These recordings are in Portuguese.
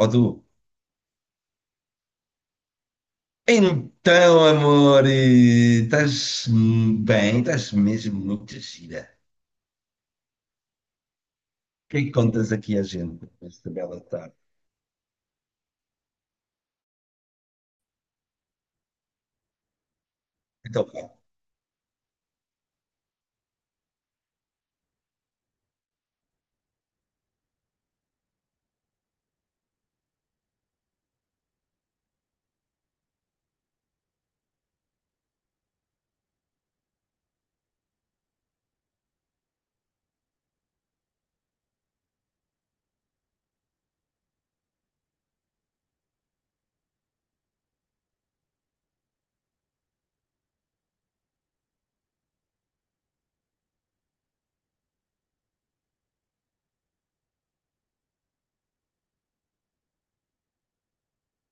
Ou do então, amor, estás bem? Estás mesmo muito gira. O que é que contas aqui a gente esta bela tarde? Então, pá,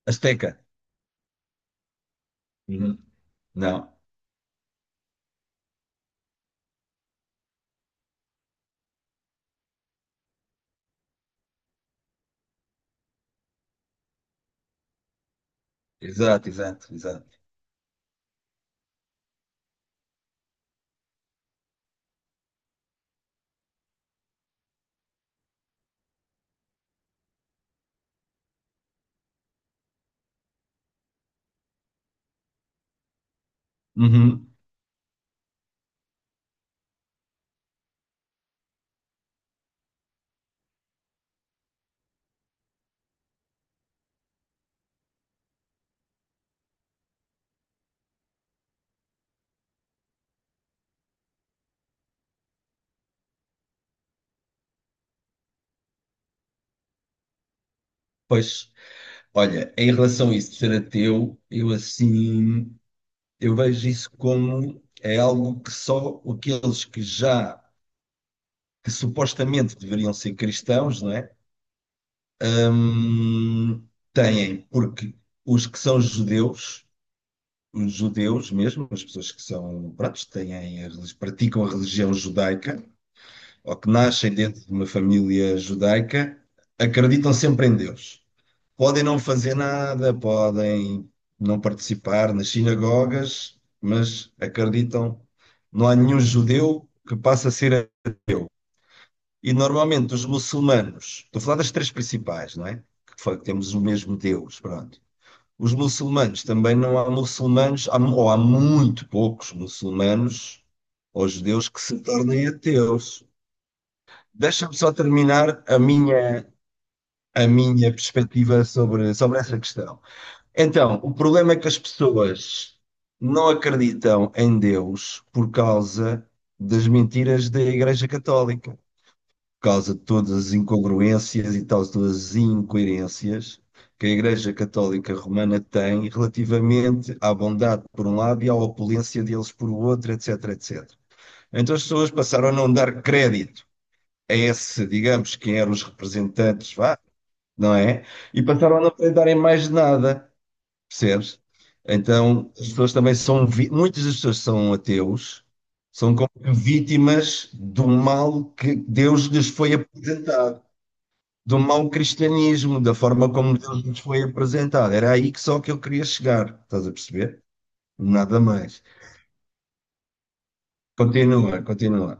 Azteca. Uhum. Não. Exato, exato, exato. Uhum. Pois, olha, em relação a isso de ser ateu, eu assim, eu vejo isso como é algo que só aqueles que já, que supostamente deveriam ser cristãos, não é? Hum, têm, porque os que são judeus, os judeus mesmo, as pessoas que são, pronto, têm, praticam a religião judaica, ou que nascem dentro de uma família judaica, acreditam sempre em Deus. Podem não fazer nada, podem não participar nas sinagogas, mas acreditam. Não há nenhum judeu que passe a ser ateu. E normalmente os muçulmanos, estou a falar das três principais, não é? Que foi que temos o mesmo Deus, pronto. Os muçulmanos também não há muçulmanos, há- ou há muito poucos muçulmanos ou judeus que se tornem ateus. Deixa-me só terminar a minha perspectiva sobre, sobre essa questão. Então, o problema é que as pessoas não acreditam em Deus por causa das mentiras da Igreja Católica causa de todas as incongruências e tal, todas as incoerências que a Igreja Católica Romana tem relativamente à bondade por um lado e à opulência deles por outro, etc, etc. Então as pessoas passaram a não dar crédito a esse, digamos, quem eram os representantes, vá, não é? E passaram a não acreditarem mais nada, percebes? Então as pessoas também são, muitas das pessoas são ateus, são como que vítimas do mal que Deus lhes foi apresentado do mau cristianismo, da forma como Deus nos foi apresentado. Era aí que só que eu queria chegar, estás a perceber? Nada mais. Continua, continua.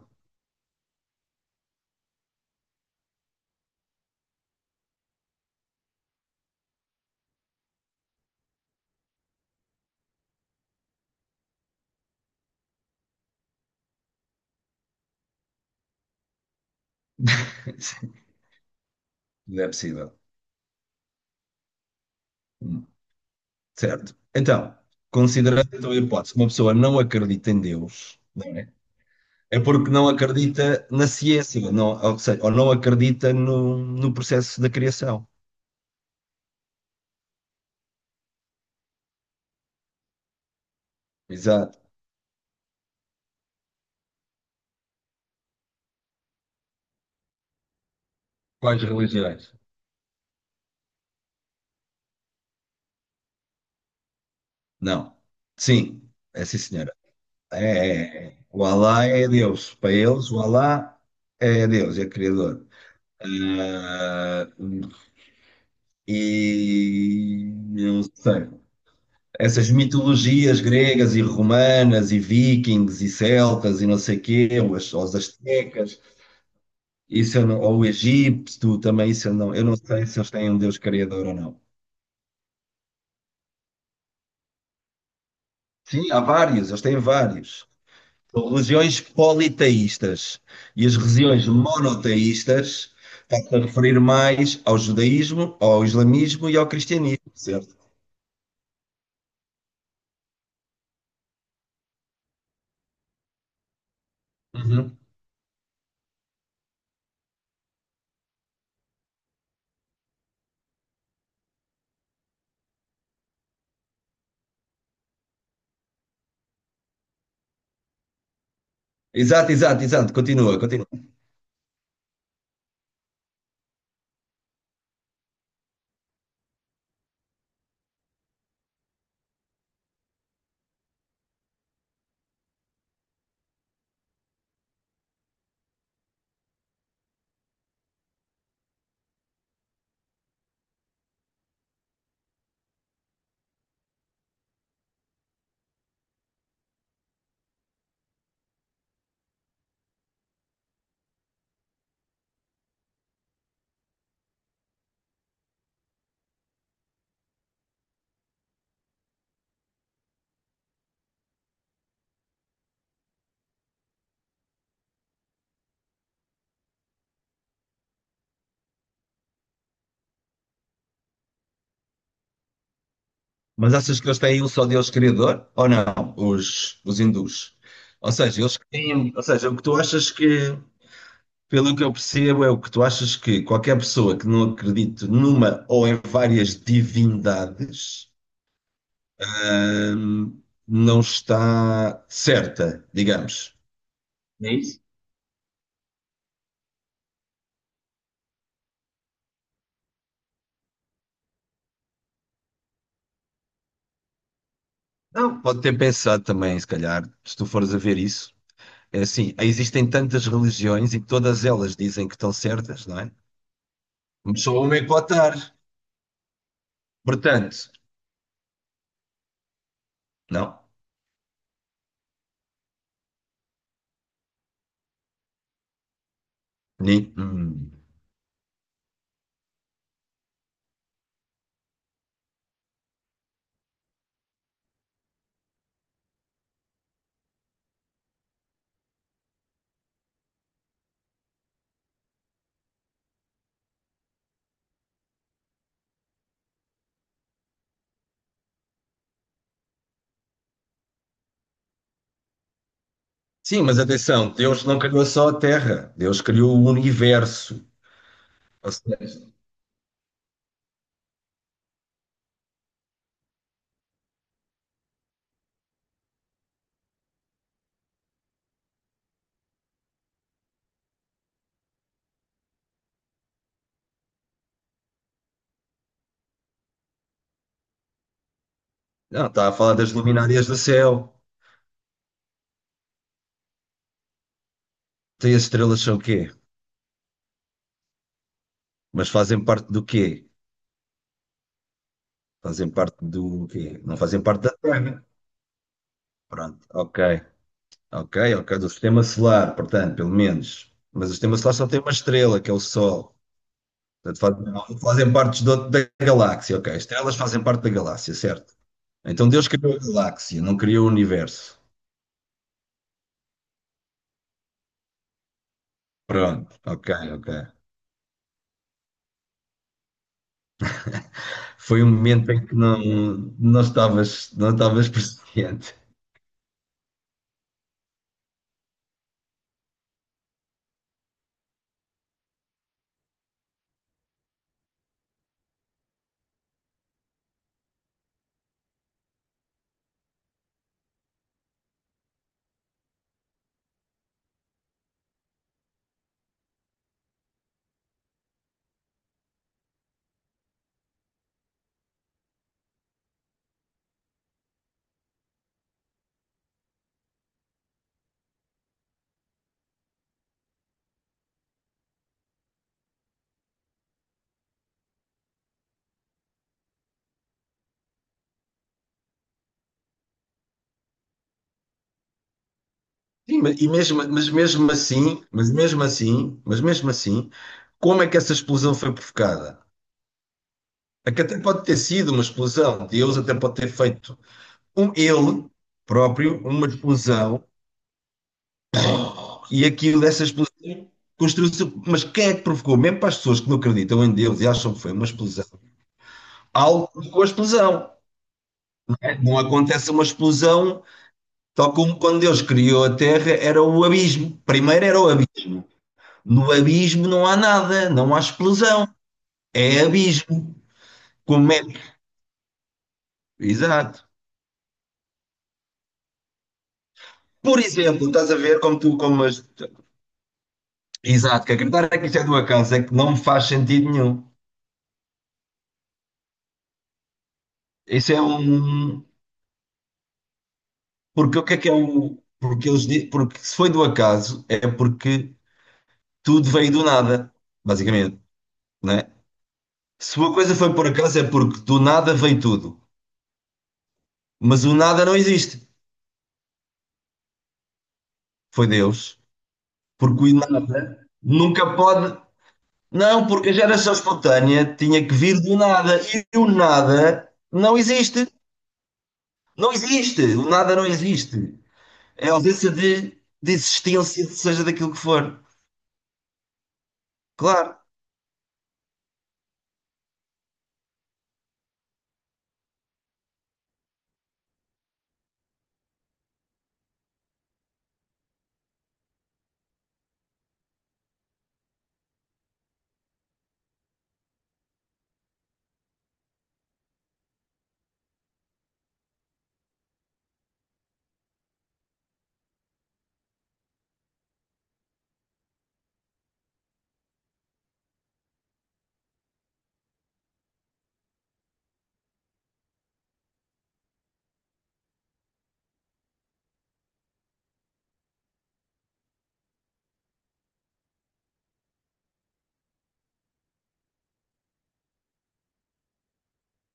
Não é possível. Certo. Então, considerando então, a hipótese que uma pessoa não acredita em Deus, não é? É porque não acredita na ciência, não, ou seja, ou não acredita no, no processo da criação. Exato. Quais religiões? Não. Sim, é sim, senhora. É, o Alá é Deus. Para eles, o Alá é Deus, é Criador. Ah, e eu sei. Essas mitologias gregas e romanas e vikings e celtas e não sei quê, ou as astecas, isso eu não, ou o Egito também, isso eu não sei se eles têm um Deus criador ou não. Sim, há vários, eles têm vários. Religiões politeístas. E as religiões monoteístas está-se a referir mais ao judaísmo, ao islamismo e ao cristianismo, certo? Uhum. Exato, exato, exato. Continua, continua. Mas achas que eles têm um só Deus criador? Ou não? Os hindus. Ou seja, eles têm, ou seja, o que tu achas que, pelo que eu percebo, é o que tu achas que qualquer pessoa que não acredite numa ou em várias divindades hum, não está certa, digamos. É isso? Não, pode ter pensado também, se calhar, se tu fores a ver isso. É assim, existem tantas religiões e todas elas dizem que estão certas, não é? Mas só uma é que pode estar. Portanto, não. Ni- hum. Sim, mas atenção, Deus não criou só a Terra, Deus criou o universo. Ou seja, não, está a falar das luminárias do céu. Tem as estrelas são o quê? Mas fazem parte do quê? Fazem parte do quê? Não fazem parte da Terra. Pronto, ok. Ok, ok, do sistema solar, portanto, pelo menos. Mas o sistema solar só tem uma estrela, que é o Sol. Portanto, fazem, não, fazem parte da galáxia, ok. Estrelas fazem parte da galáxia, certo? Então Deus criou a galáxia, não criou o universo. Pronto, ok, ok. Foi um momento em que não, não estavas, não estavas presente. Sim, mas, e mesmo, mas mesmo assim, mas mesmo assim, mas mesmo assim, como é que essa explosão foi provocada? É que até pode ter sido uma explosão, Deus até pode ter feito um ele próprio, uma explosão, e aquilo, essa explosão construiu-se. Mas quem é que provocou? Mesmo para as pessoas que não acreditam em Deus e acham que foi uma explosão, algo provocou a explosão. Não acontece uma explosão, tal como quando Deus criou a Terra, era o abismo. Primeiro era o abismo. No abismo não há nada, não há explosão. É abismo. Como é? Que. Exato. Por exemplo, estás a ver como tu, como as... Exato, que acreditar é que isto é do acaso, é que não me faz sentido nenhum. Isso é um. Porque o que é o. Porque, eles... porque se foi do acaso, é porque tudo veio do nada, basicamente, né? Se uma coisa foi por acaso, é porque do nada veio tudo. Mas o nada não existe. Foi Deus. Porque o nada nunca pode. Não, porque a geração espontânea tinha que vir do nada e o nada não existe. Não existe. O nada não existe. É a ausência de existência, seja daquilo que for. Claro,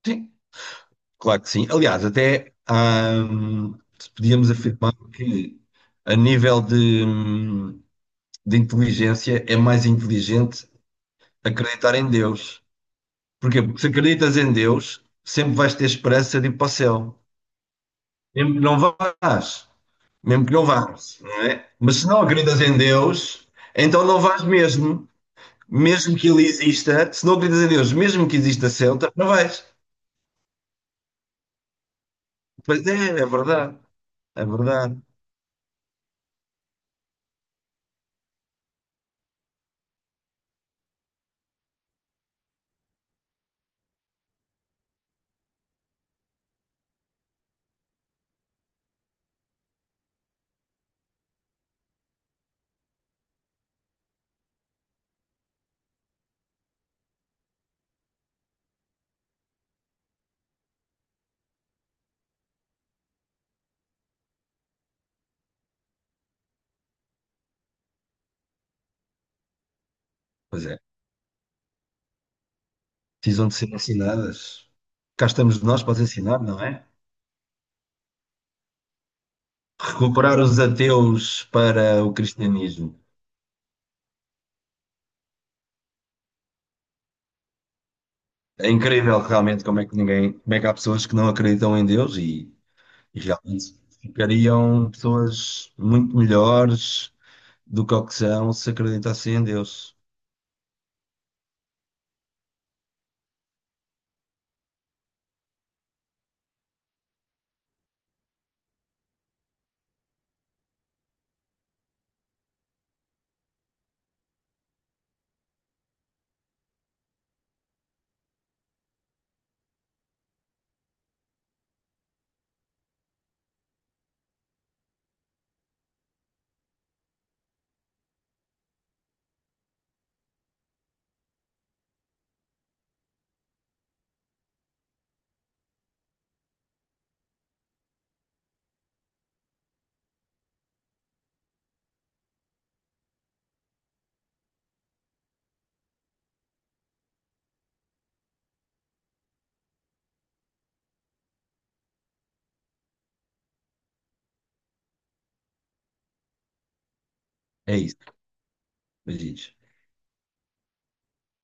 sim, claro que sim. Aliás, até podíamos afirmar que a nível de inteligência é mais inteligente acreditar em Deus. Porquê? Porque se acreditas em Deus, sempre vais ter esperança de ir para o céu. Sempre Não vais. Mesmo que não vás, não é? Mas se não acreditas em Deus, então não vais mesmo, mesmo que Ele exista, se não acreditas em Deus, mesmo que exista Celta, não vais. Pois é, é verdade, é verdade. Pois é, precisam de ser ensinadas. Cá estamos nós para os ensinar, não é? Recuperar os ateus para o cristianismo. É incrível realmente como é que ninguém, como é que há pessoas que não acreditam em Deus e realmente ficariam pessoas muito melhores do que ao que são se acreditassem em Deus. É isso. Beijinhos.